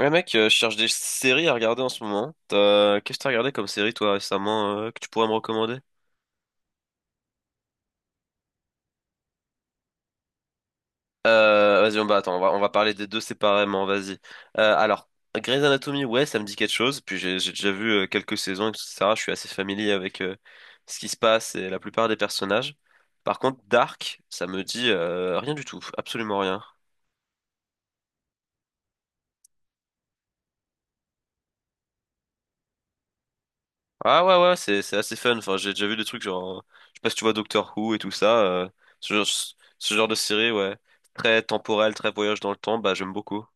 Ouais mec, je cherche des séries à regarder en ce moment. Qu'est-ce que t'as regardé comme série toi récemment, que tu pourrais me recommander? Vas-y, on va attends, on va parler des deux séparément, vas-y. Euh, alors, Grey's Anatomy, ouais, ça me dit quelque chose. Puis j'ai déjà vu, quelques saisons, etc. Je suis assez familier avec, ce qui se passe et la plupart des personnages. Par contre, Dark, ça me dit, rien du tout, absolument rien. Ah ouais, ouais, c'est assez fun. Enfin, j'ai déjà vu des trucs genre, je sais pas si tu vois Doctor Who et tout ça. Ce genre, ce genre de série, ouais, très temporel, très voyage dans le temps, bah j'aime beaucoup.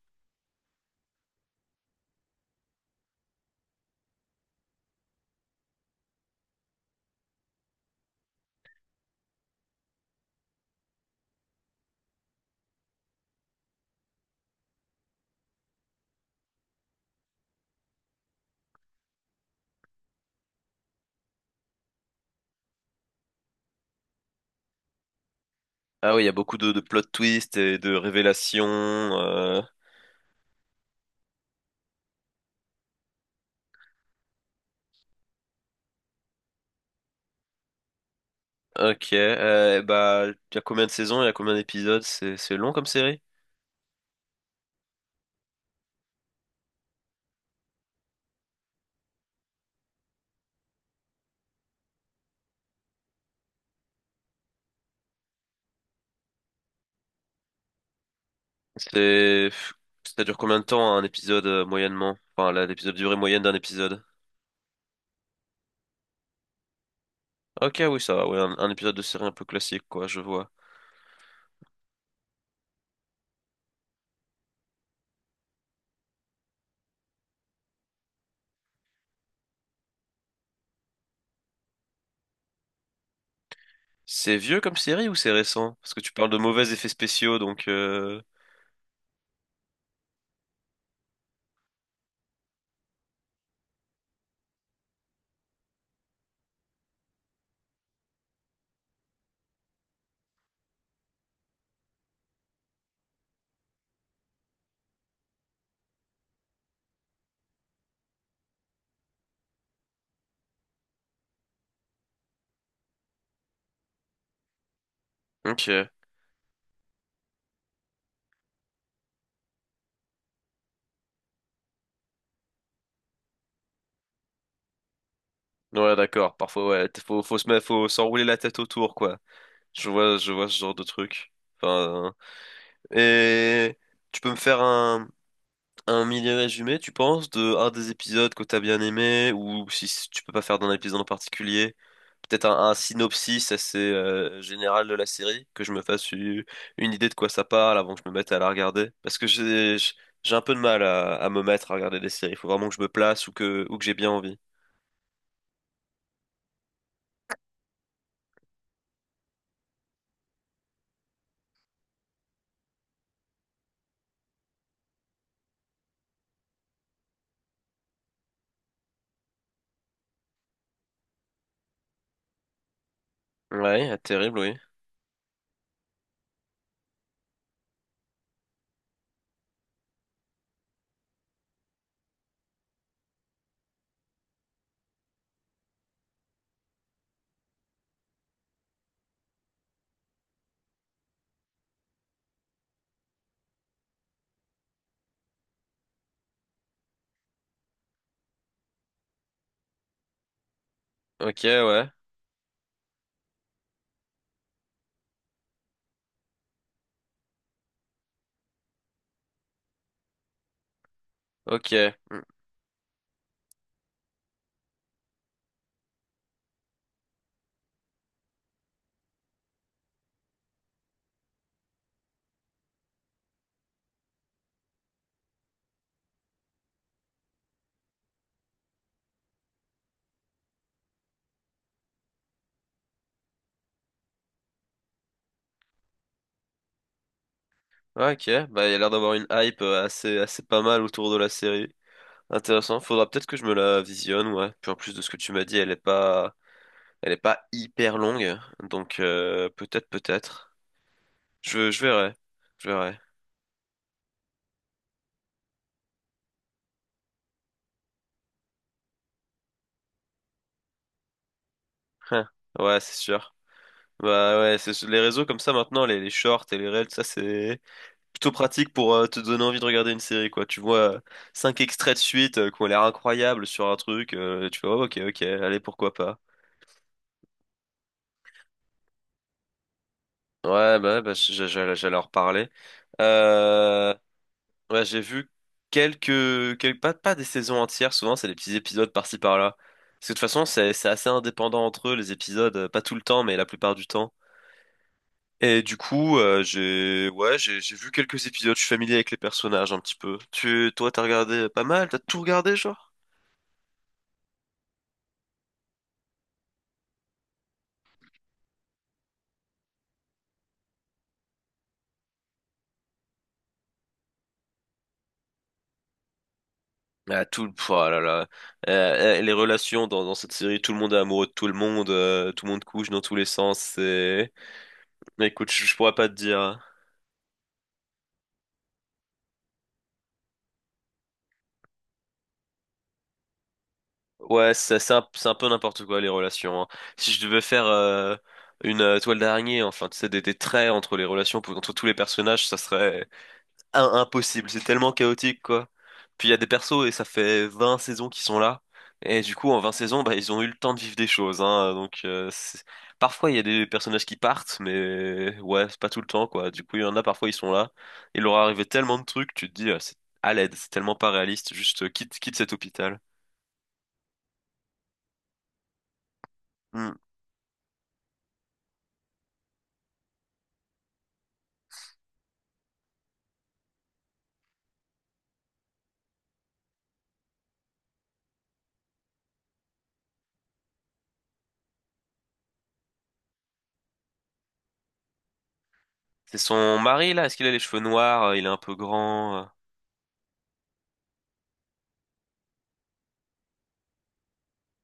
Ah oui, il y a beaucoup de plot twists et de révélations. Ok, bah il y a combien de saisons, il y a combien d'épisodes, c'est long comme série? C'est ça dure combien de temps un épisode, moyennement? Enfin l'épisode, durée moyenne d'un épisode. Ok, oui, ça va, ouais, un épisode de série un peu classique, quoi, je vois. C'est vieux comme série ou c'est récent? Parce que tu parles de mauvais effets spéciaux, donc… Ok. Ouais, d'accord. Parfois, ouais, faut se mettre, faut s'enrouler la tête autour, quoi. Je vois ce genre de truc. Enfin… Et… Tu peux me faire un mini résumé, tu penses, de un des épisodes que t'as bien aimé, ou si tu peux pas faire d'un épisode en particulier, peut-être un synopsis assez, général de la série, que je me fasse une idée de quoi ça parle avant que je me mette à la regarder. Parce que j'ai un peu de mal à me mettre à regarder des séries. Il faut vraiment que je me place ou que j'ai bien envie. Ouais, terrible, oui. Ok, ouais. Ok. Mm. Ouais, ok. Bah, il y a l'air d'avoir une hype, assez pas mal autour de la série. Intéressant, faudra peut-être que je me la visionne, ouais. Puis en plus de ce que tu m'as dit, elle est pas hyper longue, donc, peut-être, peut-être. Je verrai, je verrai. Hein. Ouais, c'est sûr. Bah ouais, c'est les réseaux comme ça maintenant, les shorts et les reels, ça c'est plutôt pratique pour, te donner envie de regarder une série, quoi. Tu vois, cinq extraits de suite, qui ont l'air incroyables sur un truc, tu fais oh, ok, ok, allez, pourquoi pas. Ouais, bah ouais, bah, j'allais en reparler. Euh, Ouais, j'ai vu quelques pas des saisons entières, souvent c'est des petits épisodes par-ci par-là. Parce que de toute façon, c'est assez indépendant entre eux, les épisodes, pas tout le temps, mais la plupart du temps. Et du coup, j'ai, ouais, j'ai vu quelques épisodes, je suis familier avec les personnages un petit peu. Toi, t'as regardé pas mal, t'as tout regardé, genre? Ah, tout, oh là là. Les relations dans cette série, tout le monde est amoureux de tout le monde couche dans tous les sens, c'est… Mais écoute, je pourrais pas te dire. Ouais, c'est un peu n'importe quoi, les relations, hein. Si je devais faire, une, toile d'araignée, enfin, tu sais, des traits entre les relations, entre tous les personnages, ça serait impossible. C'est tellement chaotique, quoi. Puis il y a des persos et ça fait 20 saisons qu'ils sont là. Et du coup, en 20 saisons, bah, ils ont eu le temps de vivre des choses. Hein. Donc, parfois, il y a des personnages qui partent, mais ouais, c'est pas tout le temps, quoi. Du coup, il y en a, parfois, ils sont là. Il leur est arrivé tellement de trucs, tu te dis, c'est à l'aide, c'est tellement pas réaliste. Juste, quitte cet hôpital. Hmm. C'est son mari, là? Est-ce qu'il a les cheveux noirs? Il est un peu grand?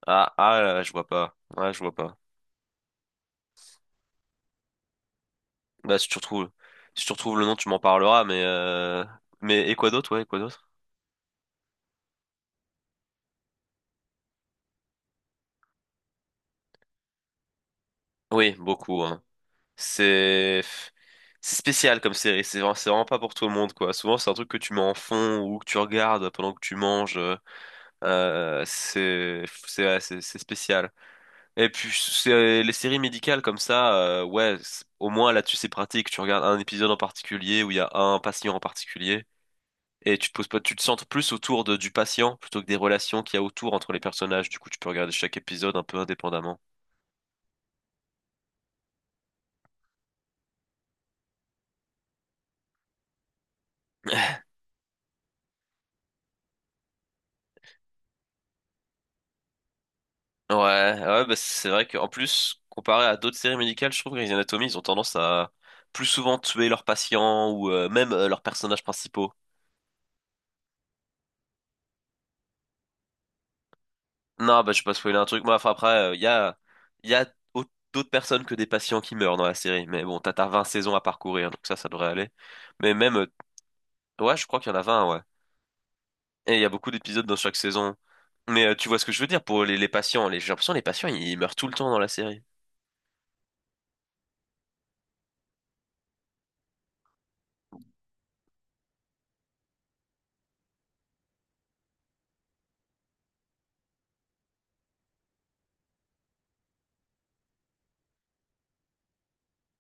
Ah, ah là, je vois pas. Ouais, je vois pas. Bah si tu retrouves le nom, tu m'en parleras. Mais et quoi d'autre? Ouais, et quoi d'autre? Oui, beaucoup, hein. C'est c'est spécial comme série. C'est vraiment pas pour tout le monde, quoi. Souvent c'est un truc que tu mets en fond ou que tu regardes pendant que tu manges. C'est ouais, c'est spécial. Et puis c'est, les séries médicales comme ça, ouais, au moins là-dessus c'est pratique. Tu regardes un épisode en particulier où il y a un patient en particulier et tu te poses pas, tu te centres plus autour du patient plutôt que des relations qu'il y a autour entre les personnages. Du coup, tu peux regarder chaque épisode un peu indépendamment. Ouais, ouais, bah c'est vrai qu'en plus comparé à d'autres séries médicales, je trouve que Grey's Anatomy, ils ont tendance à plus souvent tuer leurs patients ou, même, leurs personnages principaux. Non, bah, je vais pas spoiler un truc. Moi, enfin, après, il y a, y a au- d'autres personnes que des patients qui meurent dans la série. Mais bon, t'as 20 saisons à parcourir, donc ça devrait aller. Mais même, ouais, je crois qu'il y en a 20, ouais. Et il y a beaucoup d'épisodes dans chaque saison. Mais, tu vois ce que je veux dire pour les patients. J'ai l'impression que les patients, ils meurent tout le temps dans la série.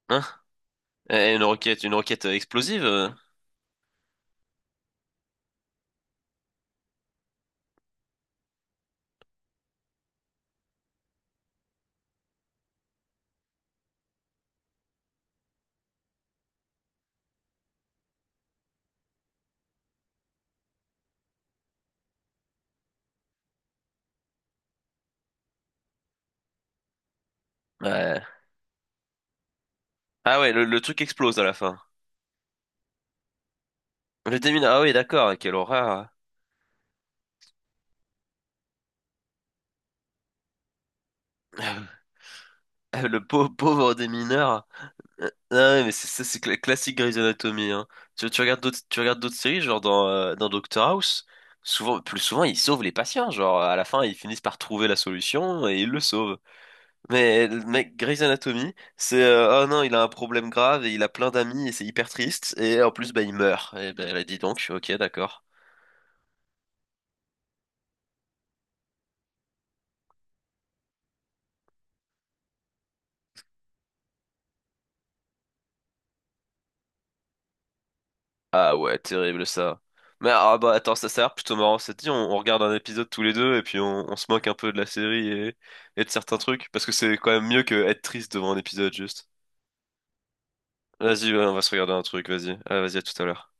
Hein? Et une roquette explosive? Ouais. Ah ouais, le truc explose à la fin. Le démineur, ah oui, d'accord, quelle horreur. Le pauvre, pauvre démineur. Ah ouais, mais c'est ça, c'est classique Grey's Anatomy, hein. Tu regardes d'autres, tu regardes d'autres séries, genre dans Doctor House, souvent, plus souvent, ils sauvent les patients, genre, à la fin, ils finissent par trouver la solution et ils le sauvent. Mais, le mec, Grey's Anatomy, c'est, oh non, il a un problème grave et il a plein d'amis et c'est hyper triste, et en plus, bah, il meurt. Et ben, elle a dit donc, ok, d'accord. Ah ouais, terrible ça. Mais ah bah attends, ça a l'air plutôt marrant. Ça te dit, on regarde un épisode tous les deux et puis on se moque un peu de la série et de certains trucs. Parce que c'est quand même mieux que être triste devant un épisode juste. Vas-y, ouais, on va se regarder un truc, vas-y. Ah, vas-y, à tout à l'heure.